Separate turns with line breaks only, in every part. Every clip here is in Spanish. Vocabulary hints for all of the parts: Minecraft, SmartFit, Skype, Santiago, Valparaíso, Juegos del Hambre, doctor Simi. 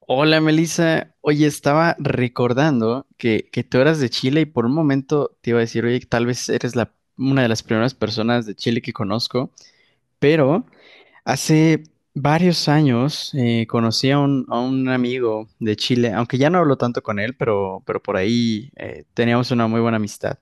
Hola Melissa, oye, estaba recordando que tú eras de Chile y por un momento te iba a decir, oye, tal vez una de las primeras personas de Chile que conozco, pero hace varios años conocí a a un amigo de Chile, aunque ya no hablo tanto con él, pero por ahí teníamos una muy buena amistad.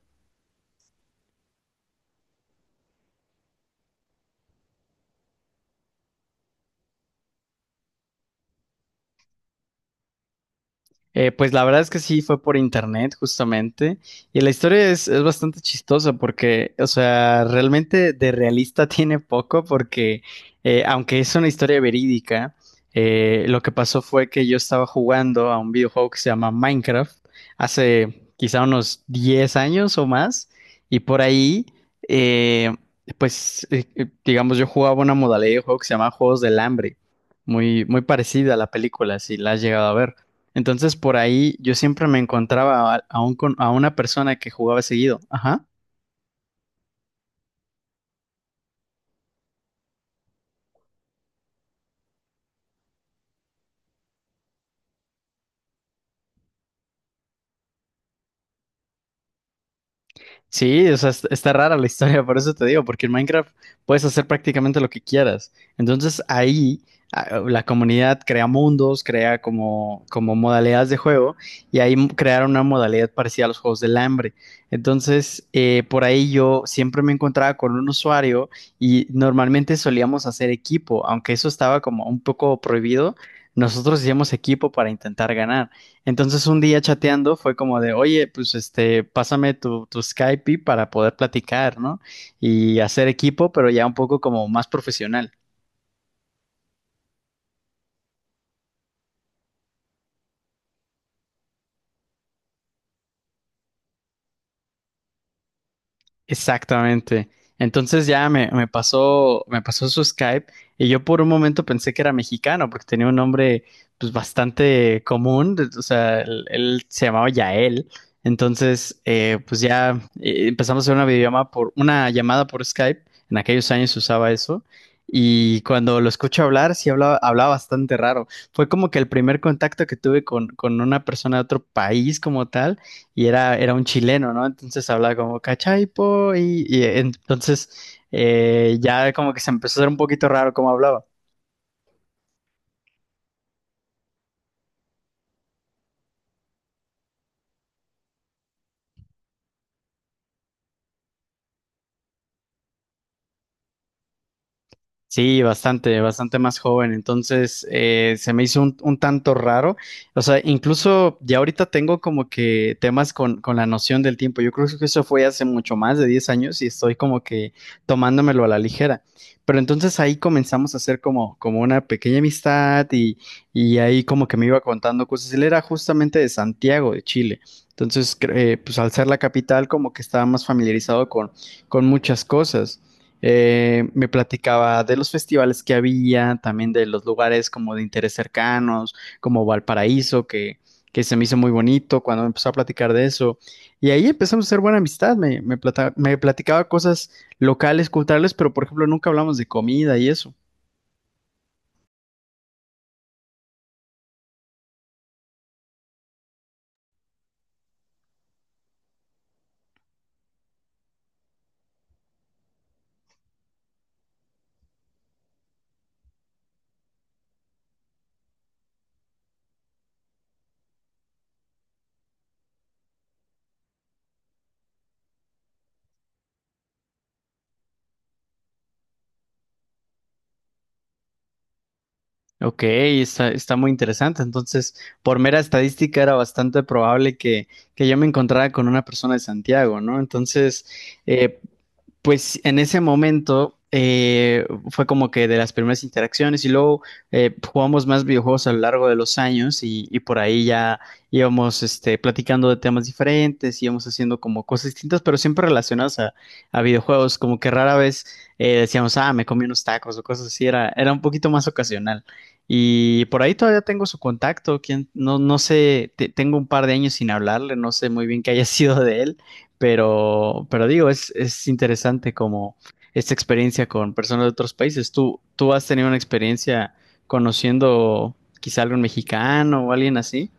Pues la verdad es que sí, fue por internet justamente. Y la historia es bastante chistosa porque, o sea, realmente de realista tiene poco porque, aunque es una historia verídica, lo que pasó fue que yo estaba jugando a un videojuego que se llama Minecraft hace quizá unos 10 años o más. Y por ahí, eh, pues, digamos, yo jugaba una modalidad de juego que se llama Juegos del Hambre. Muy, muy parecida a la película, si la has llegado a ver. Entonces por ahí yo siempre me encontraba a una persona que jugaba seguido. Ajá. Sí, o sea, está rara la historia, por eso te digo, porque en Minecraft puedes hacer prácticamente lo que quieras. Entonces ahí la comunidad crea mundos, como modalidades de juego y ahí crearon una modalidad parecida a los juegos del hambre. Entonces, por ahí yo siempre me encontraba con un usuario y normalmente solíamos hacer equipo, aunque eso estaba como un poco prohibido, nosotros hacíamos equipo para intentar ganar. Entonces un día chateando fue como de, oye, pues este, pásame tu Skype para poder platicar, ¿no? Y hacer equipo, pero ya un poco como más profesional. Exactamente. Entonces ya me pasó su Skype y yo por un momento pensé que era mexicano porque tenía un nombre pues bastante común, de- o sea, él se llamaba Yael. Entonces, pues ya empezamos a hacer una videollamada por una llamada por Skype. En aquellos años se usaba eso. Y cuando lo escucho hablar, sí hablaba bastante raro. Fue como que el primer contacto que tuve con una persona de otro país como tal y era un chileno, ¿no? Entonces hablaba como cachaipo y entonces ya como que se empezó a hacer un poquito raro cómo hablaba. Sí, bastante, bastante más joven. Entonces, se me hizo un tanto raro. O sea, incluso ya ahorita tengo como que temas con la noción del tiempo. Yo creo que eso fue hace mucho más de 10 años y estoy como que tomándomelo a la ligera. Pero entonces ahí comenzamos a hacer como, como una pequeña amistad y ahí como que me iba contando cosas. Él era justamente de Santiago, de Chile. Entonces, pues al ser la capital, como que estaba más familiarizado con muchas cosas. Me platicaba de los festivales que había, también de los lugares como de interés cercanos, como Valparaíso, que se me hizo muy bonito cuando me empezó a platicar de eso. Y ahí empezamos a hacer buena amistad, me platicaba cosas locales, culturales, pero por ejemplo nunca hablamos de comida y eso. Ok, está muy interesante. Entonces, por mera estadística era bastante probable que yo me encontrara con una persona de Santiago, ¿no? Entonces, eh, pues en ese momento fue como que de las primeras interacciones y luego jugamos más videojuegos a lo largo de los años y por ahí ya íbamos este, platicando de temas diferentes, íbamos haciendo como cosas distintas, pero siempre relacionadas a videojuegos, como que rara vez decíamos, ah, me comí unos tacos o cosas así, era un poquito más ocasional. Y por ahí todavía tengo su contacto, quien, no, no sé, te- tengo un par de años sin hablarle, no sé muy bien qué haya sido de él, pero digo, es interesante como esta experiencia con personas de otros países. Tú has tenido una experiencia conociendo quizá algún mexicano o alguien así?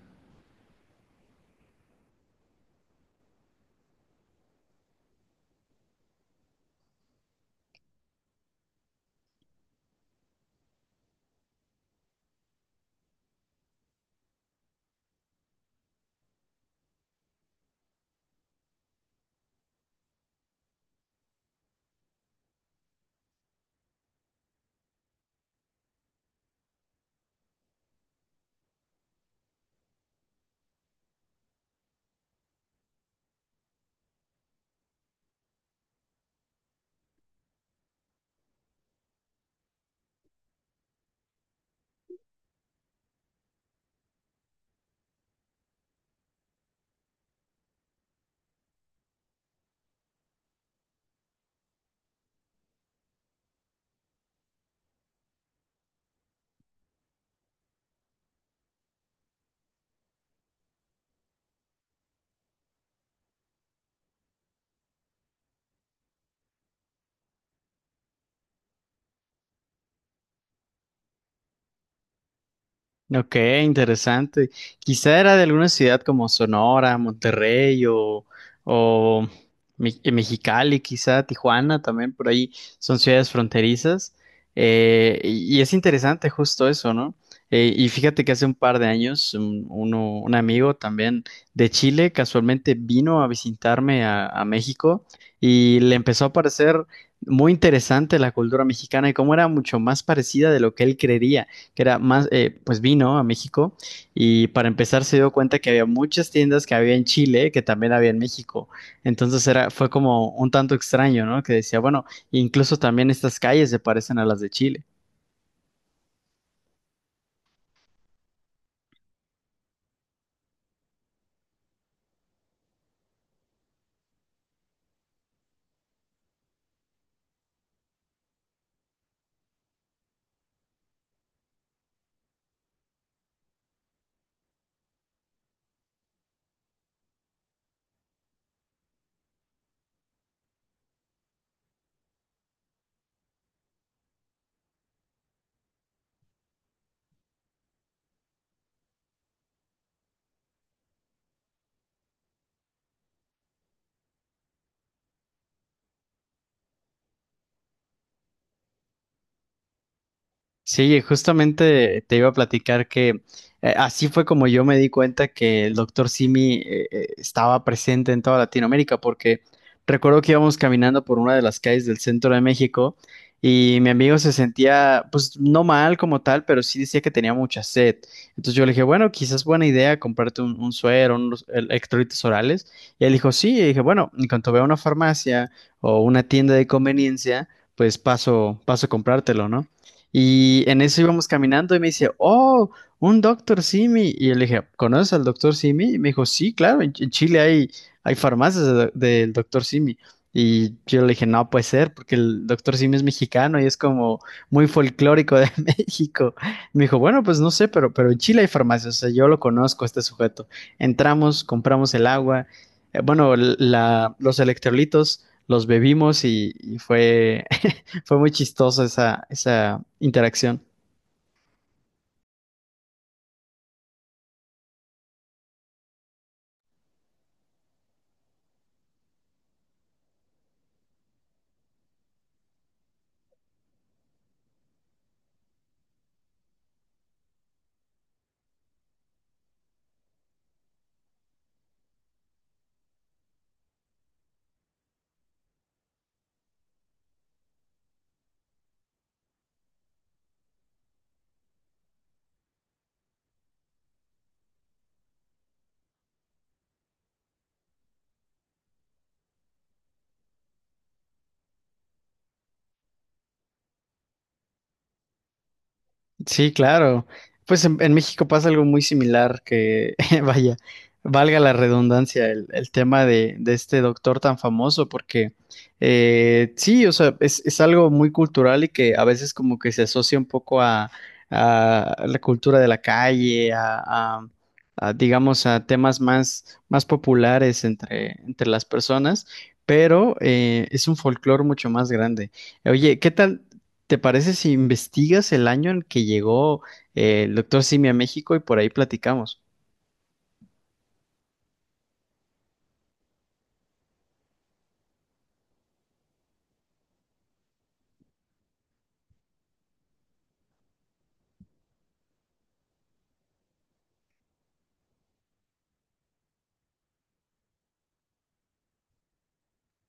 Ok, interesante. Quizá era de alguna ciudad como Sonora, Monterrey o Mexicali, quizá Tijuana también, por ahí son ciudades fronterizas. Y es interesante justo eso, ¿no? Y fíjate que hace un par de años un amigo también de Chile casualmente vino a visitarme a México y le empezó a parecer muy interesante la cultura mexicana y cómo era mucho más parecida de lo que él creería que era más, pues vino a México y para empezar se dio cuenta que había muchas tiendas que había en Chile que también había en México. Entonces fue como un tanto extraño, ¿no? Que decía, bueno, incluso también estas calles se parecen a las de Chile. Sí, justamente te iba a platicar que así fue como yo me di cuenta que el doctor Simi estaba presente en toda Latinoamérica, porque recuerdo que íbamos caminando por una de las calles del centro de México y mi amigo se sentía, pues no mal como tal, pero sí decía que tenía mucha sed. Entonces yo le dije, bueno, quizás buena idea comprarte un suero, unos electrolitos orales. Y él dijo, sí, y dije, bueno, en cuanto vea una farmacia o una tienda de conveniencia, pues paso a comprártelo, ¿no? Y en eso íbamos caminando y me dice, oh, un doctor Simi. Y yo le dije, ¿conoces al doctor Simi? Y me dijo, sí, claro, en en Chile hay farmacias de del doctor Simi. Y yo le dije, no puede ser, porque el doctor Simi es mexicano y es como muy folclórico de México. Y me dijo, bueno, pues no sé, pero en Chile hay farmacias, o sea, yo lo conozco, a este sujeto. Entramos, compramos el agua, bueno, los electrolitos, los bebimos y fue fue muy chistoso esa, esa interacción. Sí, claro. Pues en México pasa algo muy similar que, vaya, valga la redundancia, el tema de este doctor tan famoso, porque sí, o sea, es algo muy cultural y que a veces como que se asocia un poco a la cultura de la calle, a- a digamos, a temas más, más populares entre las personas, pero es un folclore mucho más grande. Oye, ¿qué tal? ¿Te parece si investigas el año en que llegó el doctor Simi a México y por ahí platicamos?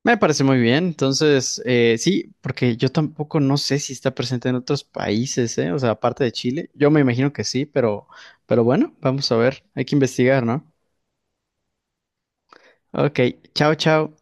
Me parece muy bien. Entonces, sí, porque yo tampoco no sé si está presente en otros países, ¿eh? O sea, aparte de Chile. Yo me imagino que sí, pero bueno, vamos a ver. Hay que investigar, ¿no? Ok, chao, chao.